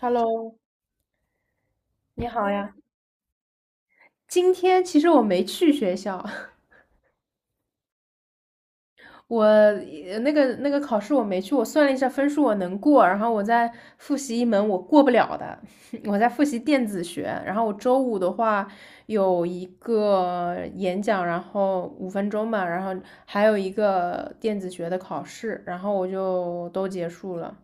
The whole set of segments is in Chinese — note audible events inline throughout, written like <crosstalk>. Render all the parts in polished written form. Hello，你好呀。今天其实我没去学校，<laughs> 我那个考试我没去，我算了一下分数我能过，然后我在复习一门我过不了的，<laughs> 我在复习电子学。然后我周五的话有一个演讲，然后5分钟吧，然后还有一个电子学的考试，然后我就都结束了。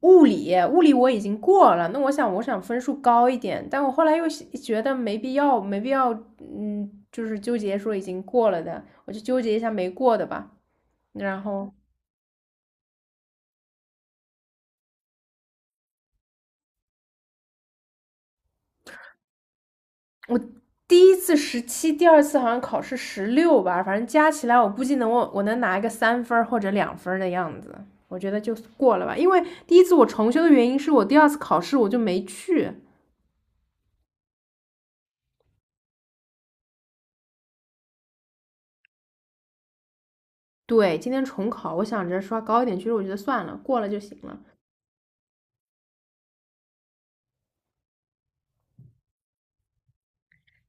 物理，物理我已经过了，那我想分数高一点，但我后来又觉得没必要，没必要，嗯，就是纠结说已经过了的，我就纠结一下没过的吧。然后我第一次17，第二次好像考试16吧，反正加起来我估计能我能拿一个3分儿或者2分儿的样子，我觉得就过了吧。因为第一次我重修的原因是我第二次考试我就没去，对，今天重考，我想着刷高一点，其实我觉得算了，过了就行了。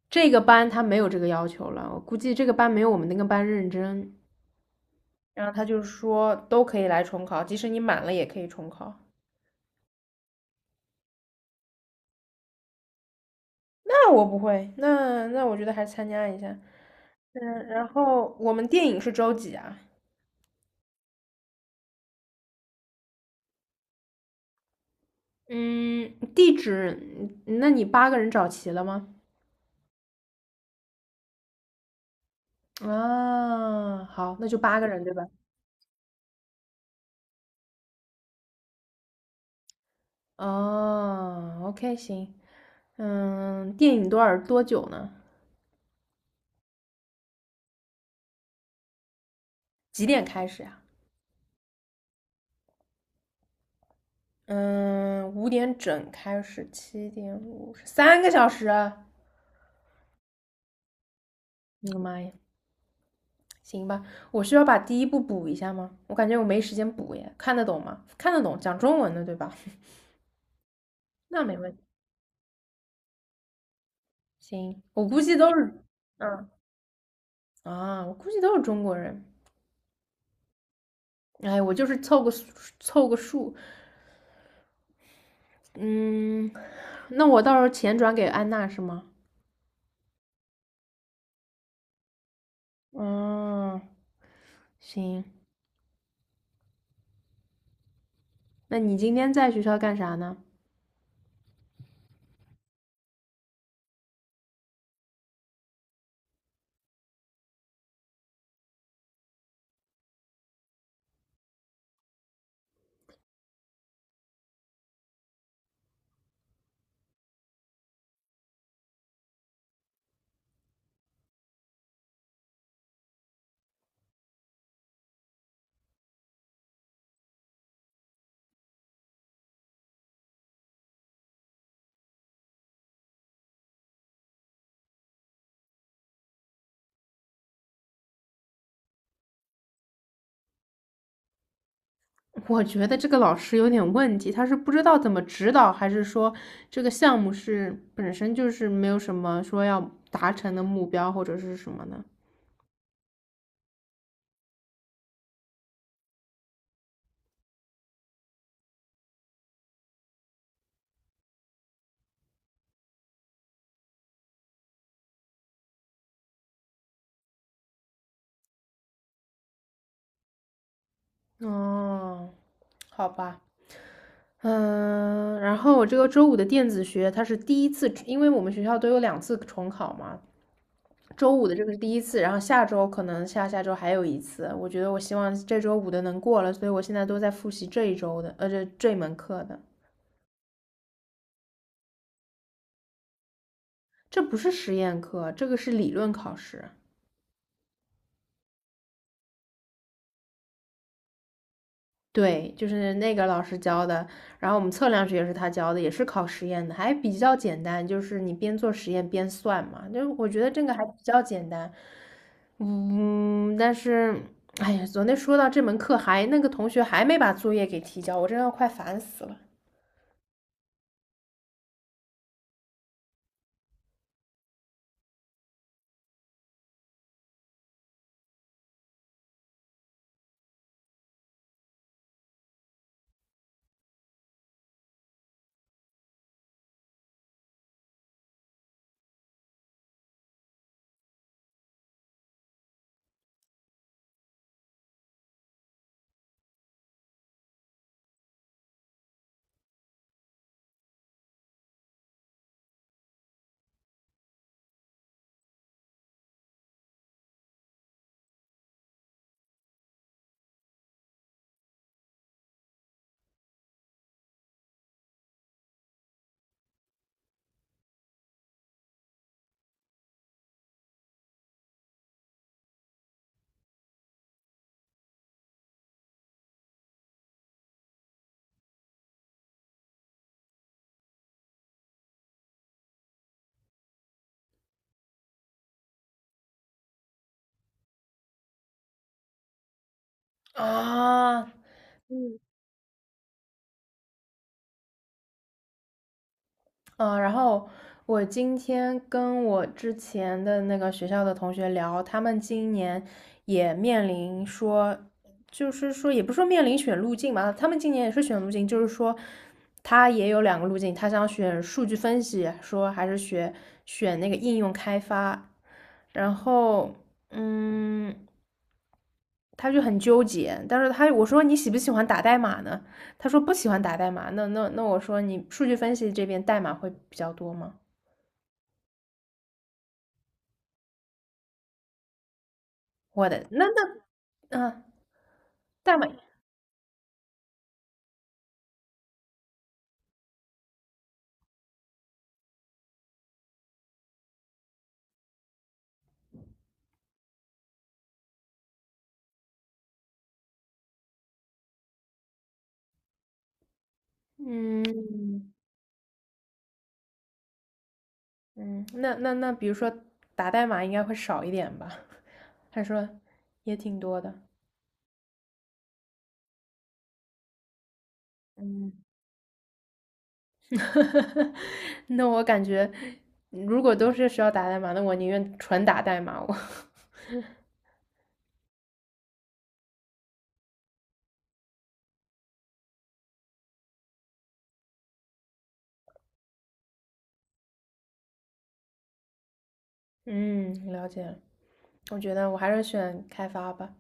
这个班他没有这个要求了，我估计这个班没有我们那个班认真。然后他就说都可以来重考，即使你满了也可以重考。那我不会，那我觉得还是参加一下。嗯，然后我们电影是周几啊？嗯，地址，那你八个人找齐了吗？啊，好，那就八个人对吧？哦，OK，行。嗯，电影多久呢？几点开始呀、嗯，5点整开始，7:50，3个小时啊！我的妈呀，行吧，我需要把第一步补一下吗？我感觉我没时间补耶，看得懂吗？看得懂，讲中文的对吧？<laughs> 那没问题，行，我估计都是，嗯我估计都是中国人。哎，我就是凑个数凑个数，嗯，那我到时候钱转给安娜是吗？嗯，行，那你今天在学校干啥呢？我觉得这个老师有点问题，他是不知道怎么指导，还是说这个项目是本身就是没有什么说要达成的目标或者是什么呢？哦，好吧，嗯，然后我这个周五的电子学，它是第一次，因为我们学校都有2次重考嘛，周五的这个是第一次，然后下周可能下下周还有一次。我觉得我希望这周五的能过了，所以我现在都在复习这一周的，这门课的。这不是实验课，这个是理论考试。对，就是那个老师教的，然后我们测量学也是他教的，也是考实验的，还比较简单，就是你边做实验边算嘛，就是我觉得这个还比较简单，嗯，但是，哎呀，昨天说到这门课还那个同学还没把作业给提交，我真的要快烦死了啊！嗯，然后我今天跟我之前的那个学校的同学聊，他们今年也面临说，就是说也不是说面临选路径嘛，他们今年也是选路径，就是说他也有2个路径，他想选数据分析，说还是学选那个应用开发，然后嗯，他就很纠结，但是他我说你喜不喜欢打代码呢？他说不喜欢打代码，那我说你数据分析这边代码会比较多吗？我的嗯啊，呃代码，嗯嗯，那，比如说打代码应该会少一点吧？<laughs> 他说也挺多的，嗯，<laughs> 那我感觉如果都是需要打代码，那我宁愿纯打代码。我 <laughs> 嗯，了解了我觉得我还是选开发吧。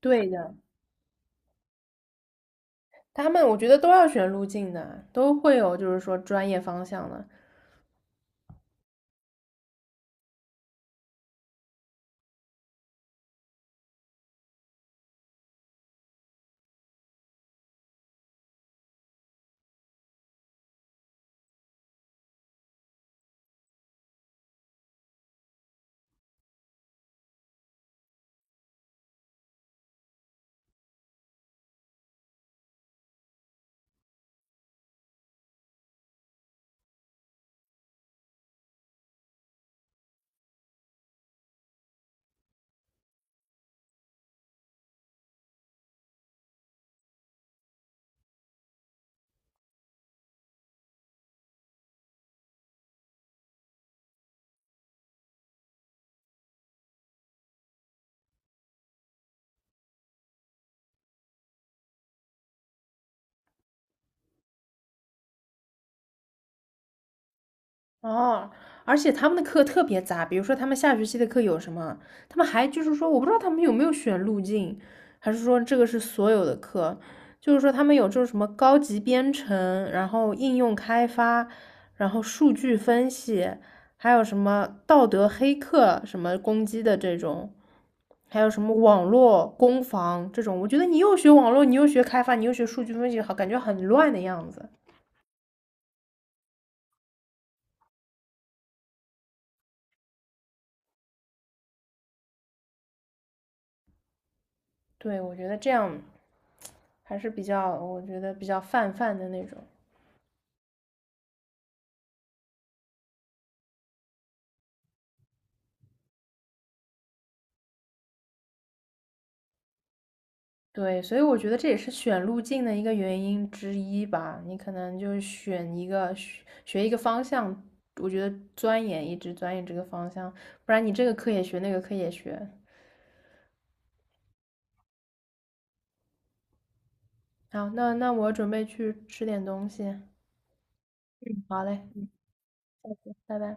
对的，他们我觉得都要选路径的，都会有就是说专业方向的。哦，而且他们的课特别杂，比如说他们下学期的课有什么，他们还就是说，我不知道他们有没有选路径，还是说这个是所有的课，就是说他们有这种什么高级编程，然后应用开发，然后数据分析，还有什么道德黑客什么攻击的这种，还有什么网络攻防这种，我觉得你又学网络，你又学开发，你又学数据分析，好，感觉很乱的样子。对，我觉得这样。还是比较，我觉得比较泛泛的那种。对，所以我觉得这也是选路径的一个原因之一吧。你可能就是选一个学一个方向，我觉得钻研一直钻研这个方向，不然你这个课也学，那个课也学。好，那我准备去吃点东西。好嘞，拜拜。